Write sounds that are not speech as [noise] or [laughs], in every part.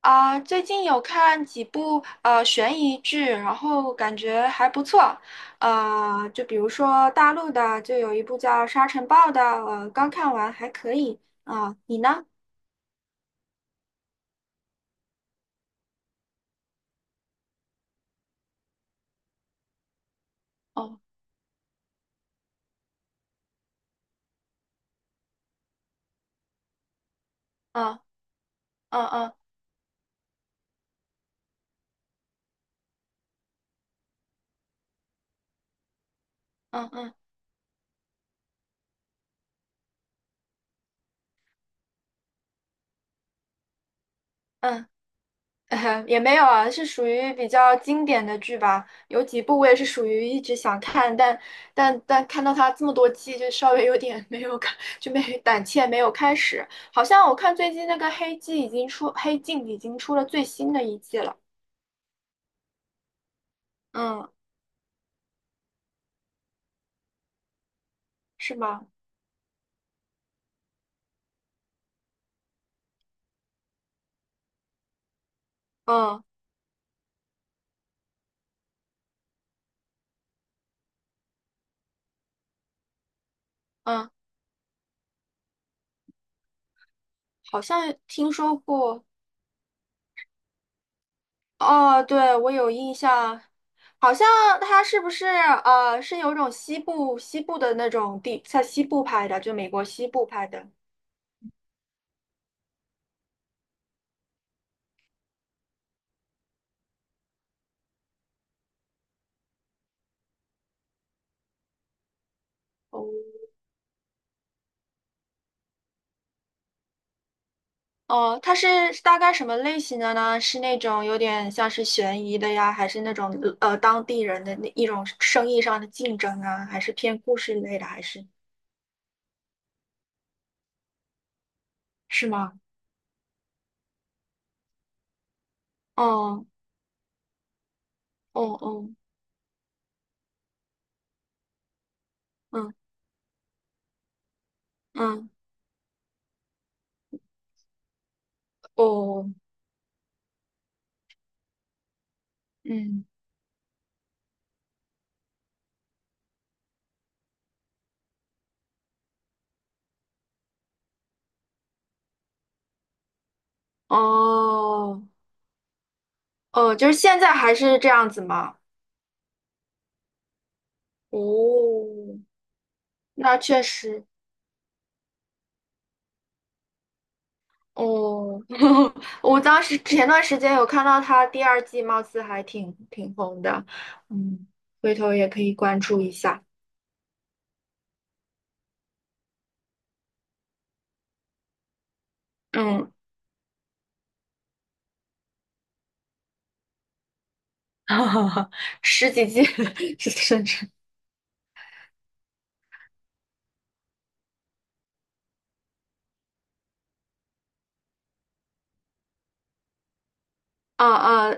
啊，最近有看几部悬疑剧，然后感觉还不错。就比如说大陆的，就有一部叫《沙尘暴》的，刚看完还可以。啊，你呢？哦，嗯嗯嗯嗯嗯嗯嗯。[laughs] 也没有啊，是属于比较经典的剧吧。有几部我也是属于一直想看，但看到它这么多季，就稍微有点没有看，就没胆怯，没有开始。好像我看最近那个《黑镜》已经出，《黑镜》已经出了最新的一季了。嗯，是吗？嗯嗯，好像听说过。哦，对，我有印象。好像它是不是是有一种西部的那种地，在西部拍的，就美国西部拍的。哦。哦，它是大概什么类型的呢？是那种有点像是悬疑的呀，还是那种当地人的那一种生意上的竞争啊，还是偏故事类的，还是，是吗？哦哦哦嗯嗯哦，嗯，哦哦，就是现在还是这样子吗？哦，那确实。哦，[laughs] 我当时前段时间有看到他第二季，貌似还挺红的，嗯，回头也可以关注一下。嗯，[laughs] 十几季 [laughs] 是甚至，啊啊，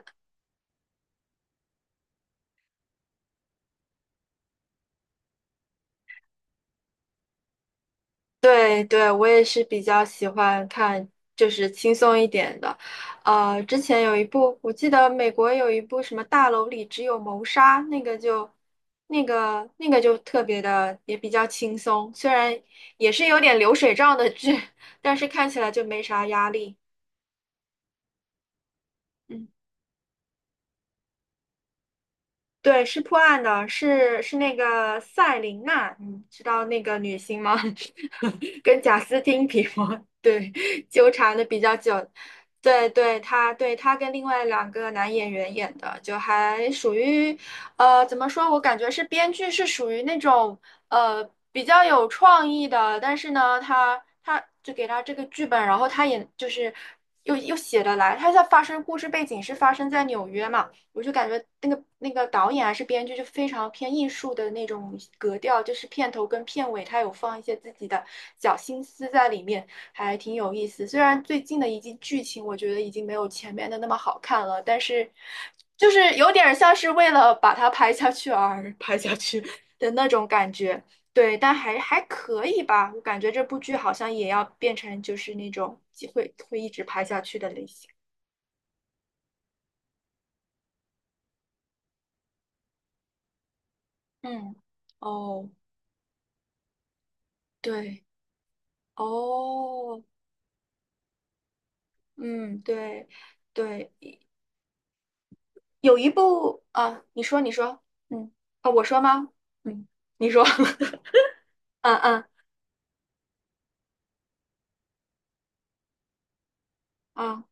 对对，我也是比较喜欢看，就是轻松一点的。之前有一部，我记得美国有一部什么《大楼里只有谋杀》，那个就，那个就特别的，也比较轻松，虽然也是有点流水账的剧，[laughs] 但是看起来就没啥压力。嗯。对，是破案的，是那个赛琳娜，你知道那个女星吗？[laughs] 跟贾斯汀比吗？[laughs] 对，纠缠的比较久。对对，她跟另外两个男演员演的，就还属于，怎么说？我感觉是编剧是属于那种呃比较有创意的，但是呢，他就给他这个剧本，然后他也就是又写得来。他在发生故事背景是发生在纽约嘛。我就感觉那个导演还是编剧就非常偏艺术的那种格调，就是片头跟片尾他有放一些自己的小心思在里面，还挺有意思。虽然最近的一季剧情我觉得已经没有前面的那么好看了，但是就是有点像是为了把它拍下去而拍下去 [laughs] 的那种感觉。对，但还可以吧，我感觉这部剧好像也要变成就是那种会一直拍下去的类型。嗯，哦，对。哦，嗯，对，对，有一部啊，你说，你说，嗯，啊，我说吗？嗯，你说，[laughs] 嗯嗯啊，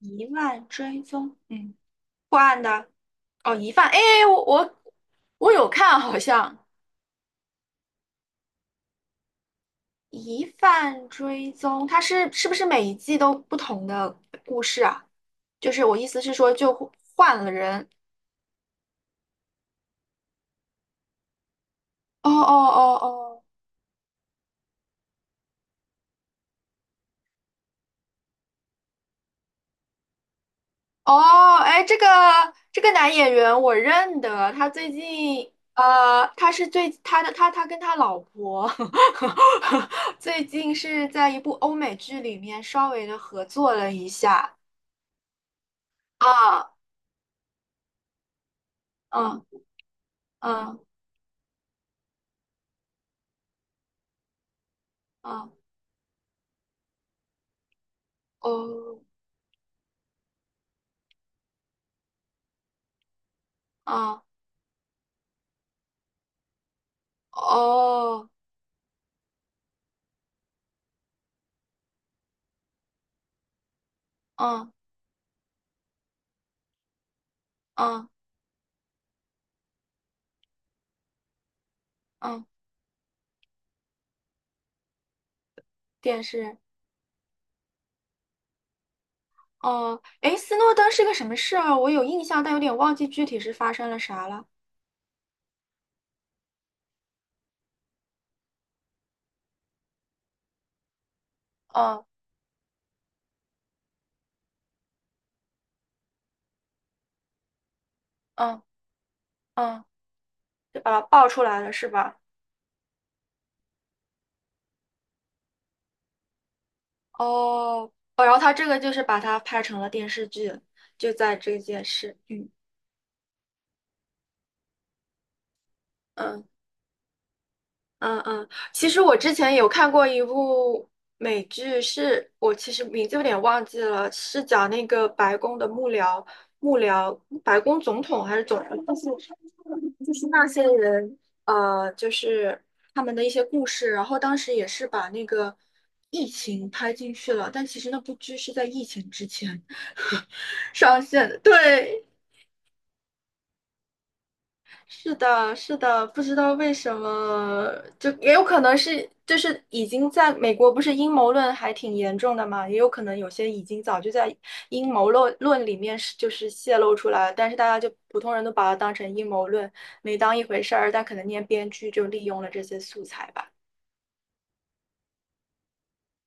疑犯追踪，嗯，破案的，哦，疑犯，哎，我有看啊，好像疑犯追踪，它是不是每一季都不同的故事啊？就是我意思是说，就换了人，哦哦哦哦。哦，哎，这个男演员我认得，他最近他是最他的他他跟他老婆 [laughs] 最近是在一部欧美剧里面稍微的合作了一下啊，嗯嗯嗯，哦，啊哦，嗯嗯嗯，电视哦，哎，斯诺登是个什么事儿？我有印象，但有点忘记具体是发生了啥了。嗯嗯嗯，就把它爆出来了，是吧？哦，哦，然后他这个就是把它拍成了电视剧，就在这件事。嗯嗯嗯嗯，其实我之前有看过一部美剧是，我其实名字有点忘记了，是讲那个白宫的幕僚，幕僚白宫总统还是总统，就是那些人，就是他们的一些故事。然后当时也是把那个疫情拍进去了，但其实那部剧是在疫情之前 [laughs] 上线的，对。是的，是的，不知道为什么，就也有可能是，就是已经在美国，不是阴谋论还挺严重的嘛，也有可能有些已经早就在阴谋论里面就是泄露出来了，但是大家就普通人都把它当成阴谋论，没当一回事儿，但可能那些编剧就利用了这些素材吧。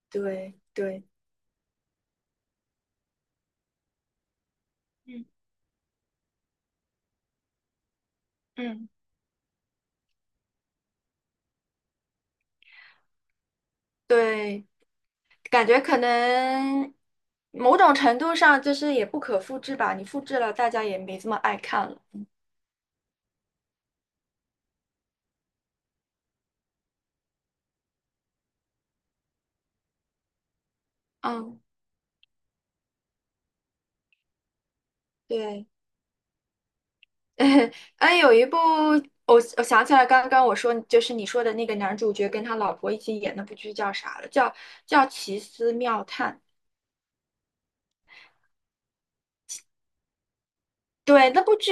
对对，嗯嗯，对，感觉可能某种程度上就是也不可复制吧，你复制了，大家也没这么爱看了。嗯，对。[laughs] 哎，有一部我想起来，刚刚我说就是你说的那个男主角跟他老婆一起演那部剧叫啥了？叫《奇思妙探》。对，那部剧，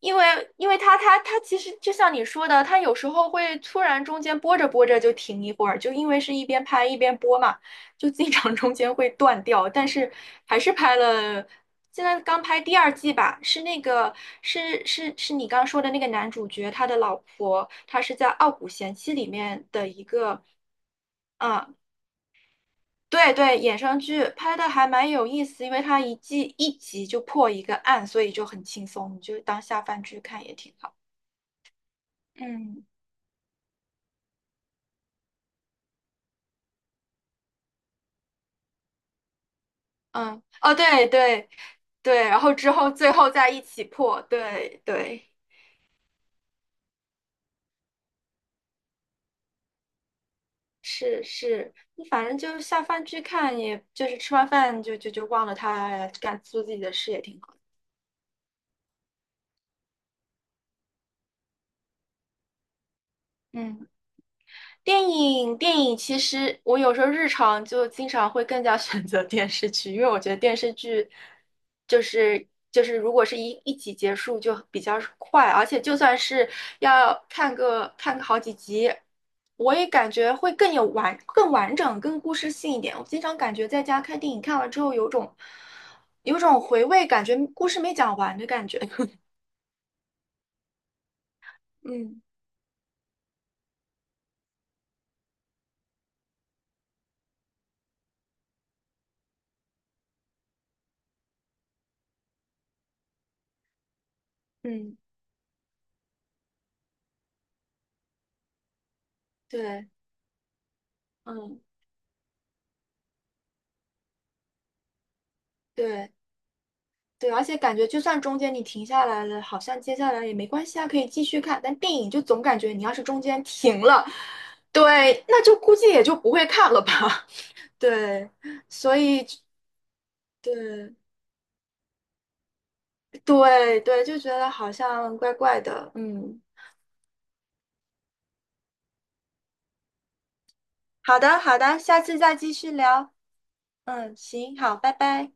因为因为它其实就像你说的，它有时候会突然中间播着播着就停一会儿，就因为是一边拍一边播嘛，就经常中间会断掉，但是还是拍了。现在刚拍第二季吧，是那个是你刚说的那个男主角，他的老婆，他是在《傲骨贤妻》里面的一个，啊、对对，衍生剧拍的还蛮有意思，因为它一季一集就破一个案，所以就很轻松，你就当下饭剧看也挺好。嗯嗯，哦，对对对，然后之后最后再一起破，对对，是是，你反正就下饭剧看，也就是吃完饭就忘了他做自己的事也挺好。嗯。电影其实我有时候日常就经常会更加 [laughs] 选择电视剧，因为我觉得电视剧就是如果是一集结束就比较快，而且就算是要看个好几集，我也感觉会更有完整、更故事性一点。我经常感觉在家看电影看完之后有种回味，感觉故事没讲完的感觉。[laughs] 嗯嗯，对，嗯对。对，而且感觉就算中间你停下来了，好像接下来也没关系啊，可以继续看。但电影就总感觉你要是中间停了，对，那就估计也就不会看了吧。[laughs] 对，所以对对对，就觉得好像怪怪的。嗯，好的好的，下次再继续聊。嗯，行，好，拜拜。